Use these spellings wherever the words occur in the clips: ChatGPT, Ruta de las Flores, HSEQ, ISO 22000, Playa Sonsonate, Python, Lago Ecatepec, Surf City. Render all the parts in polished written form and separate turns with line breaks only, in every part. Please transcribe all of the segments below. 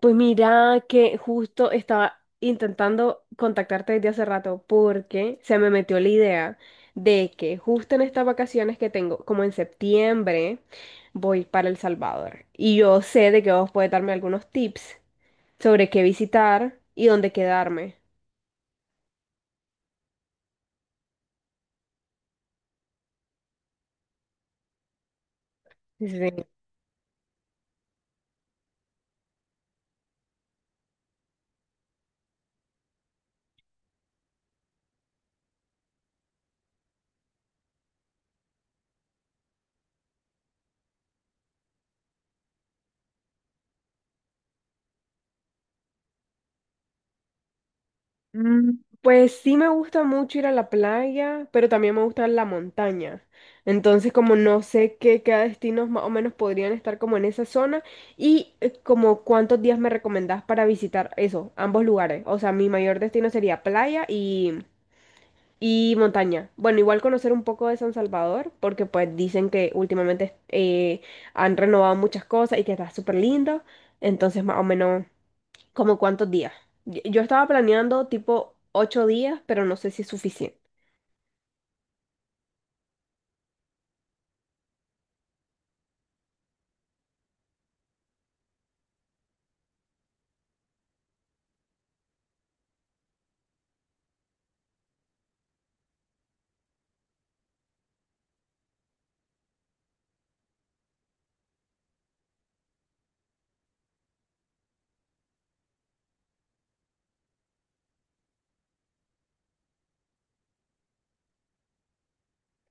Pues mira que justo estaba intentando contactarte desde hace rato porque se me metió la idea de que justo en estas vacaciones que tengo, como en septiembre, voy para El Salvador. Y yo sé de que vos podés darme algunos tips sobre qué visitar y dónde quedarme. Sí, sí, sí. Pues sí me gusta mucho ir a la playa, pero también me gusta la montaña. Entonces, como no sé qué destinos más o menos podrían estar como en esa zona y como cuántos días me recomendás para visitar eso, ambos lugares. O sea, mi mayor destino sería playa y montaña. Bueno, igual conocer un poco de San Salvador, porque pues dicen que últimamente han renovado muchas cosas y que está súper lindo. Entonces, más o menos, ¿como cuántos días? Yo estaba planeando tipo 8 días, pero no sé si es suficiente.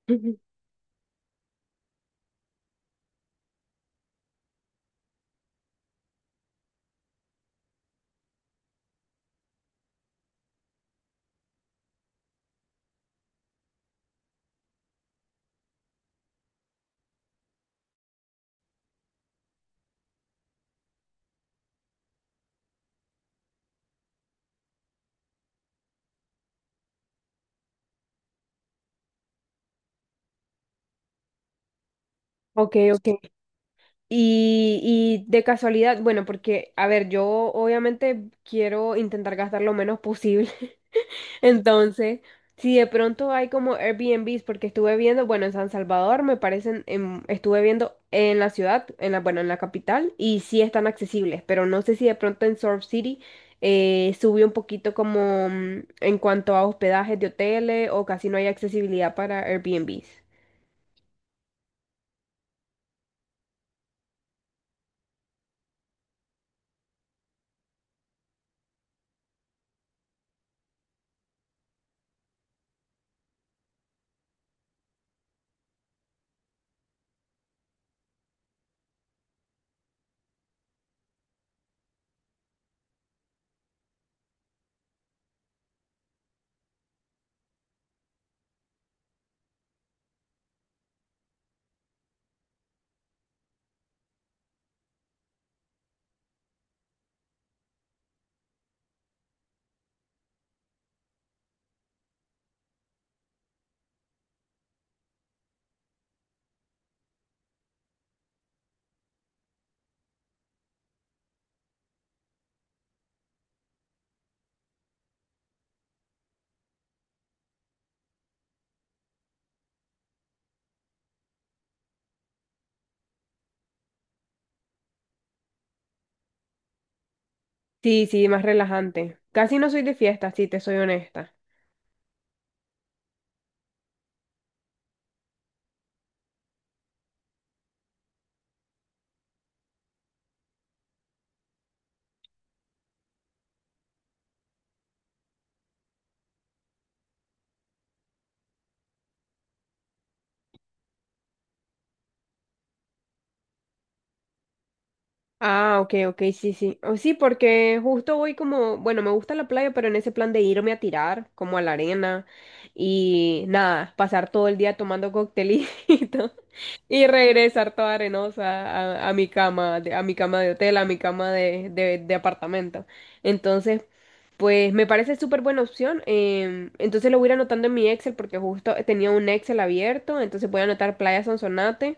Ujú. Ok, ok. Y de casualidad, bueno, porque, a ver, yo obviamente quiero intentar gastar lo menos posible. Entonces, si de pronto hay como Airbnbs, porque estuve viendo, bueno, en San Salvador me parecen, estuve viendo en la ciudad, en la, bueno, en la capital, y sí están accesibles, pero no sé si de pronto en Surf City subió un poquito como en cuanto a hospedajes de hoteles o casi no hay accesibilidad para Airbnbs. Sí, sí, más relajante. Casi no soy de fiesta, si te soy honesta. Ah, ok, ok, sí, sí. Oh, sí, porque justo voy como, bueno, me gusta la playa, pero en ese plan de irme a tirar, como a la arena, y nada, pasar todo el día tomando coctelito y regresar toda arenosa a mi cama, a mi cama de hotel, a mi cama de apartamento. Entonces, pues me parece súper buena opción. Entonces lo voy a ir anotando en mi Excel, porque justo tenía un Excel abierto, entonces voy a anotar Playa Sonsonate.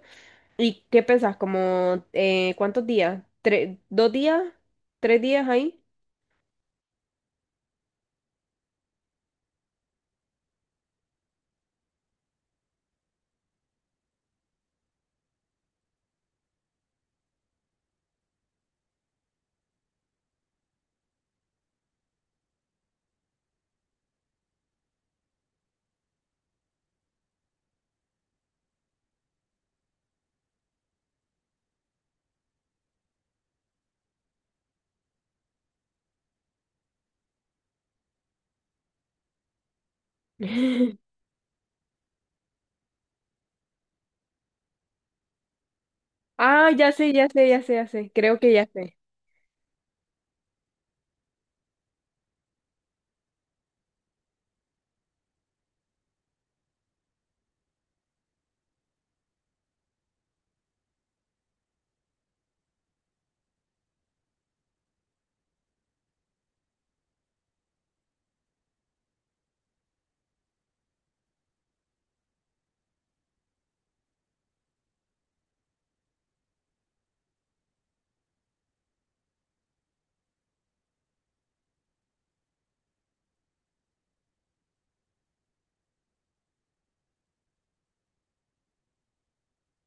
¿Y qué pensás? ¿Como cuántos días? ¿Tres, dos días? ¿Tres días ahí? Ah, ya sé, ya sé, ya sé, ya sé. Creo que ya sé.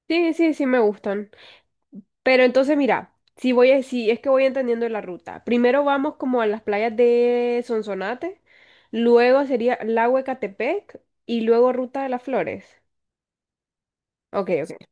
Sí, sí, sí me gustan. Pero entonces mira, si es que voy entendiendo la ruta. Primero vamos como a las playas de Sonsonate, luego sería Lago Ecatepec y luego Ruta de las Flores. Ok, ok.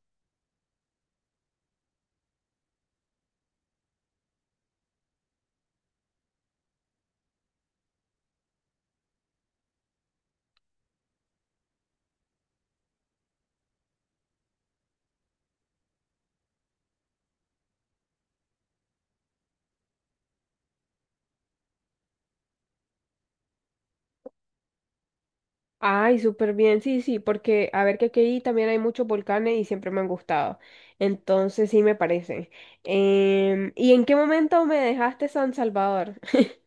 Ay, súper bien, sí, sí, porque a ver que aquí también hay muchos volcanes y siempre me han gustado. Entonces sí me parece. ¿Y en qué momento me dejaste San Salvador?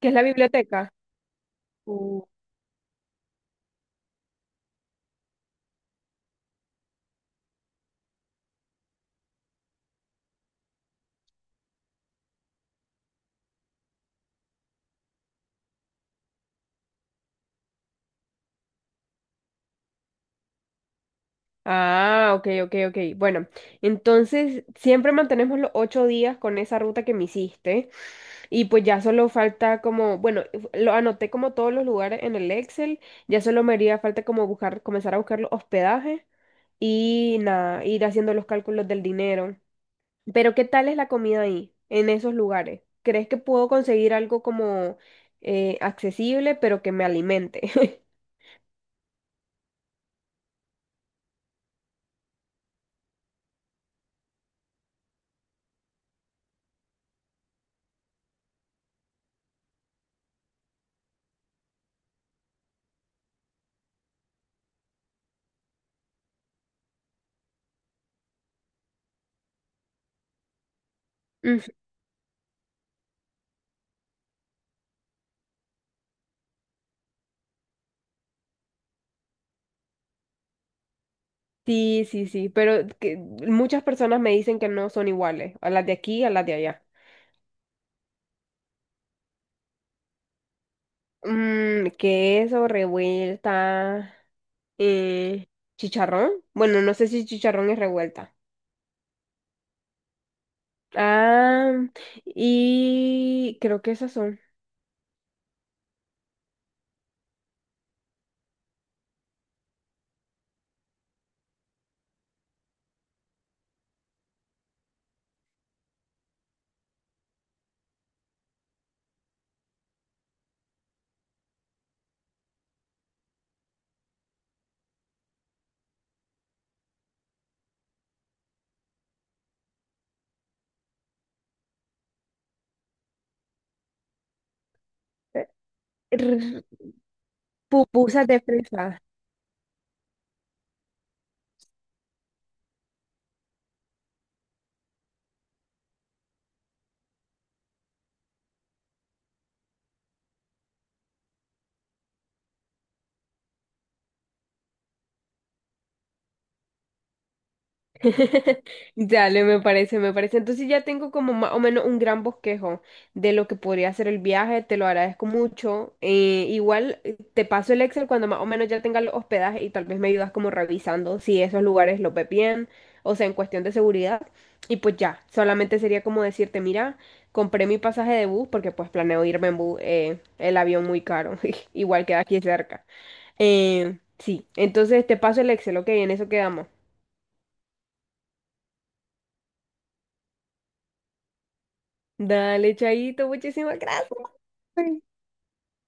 ¿Qué es la biblioteca? Uh. Ah, ok, ok, ok. Bueno, entonces siempre mantenemos los 8 días con esa ruta que me hiciste y pues ya solo falta como, bueno, lo anoté como todos los lugares en el Excel, ya solo me haría falta como buscar, comenzar a buscar los hospedajes y nada, ir haciendo los cálculos del dinero. Pero ¿qué tal es la comida ahí, en esos lugares? ¿Crees que puedo conseguir algo como accesible, pero que me alimente? Mm, Sí, sí, sí, pero que muchas personas me dicen que no son iguales, a las de aquí, a las de allá. Mm, queso, revuelta, eh, chicharrón. Bueno, no sé si chicharrón es revuelta. Ah, y creo que esas son. Eh, r- Pupusas de fresa. Dale, me parece, me parece. Entonces ya tengo como más o menos un gran bosquejo de lo que podría ser el viaje, te lo agradezco mucho. Igual te paso el Excel cuando más o menos ya tenga los hospedajes y tal vez me ayudas como revisando si esos lugares los ve bien, o sea, en cuestión de seguridad. Y pues ya, solamente sería como decirte, mira, compré mi pasaje de bus porque pues planeo irme en bus, el avión muy caro, igual queda aquí cerca. Sí, entonces te paso el Excel, ok, en eso quedamos. Dale, Chaito, muchísimas gracias.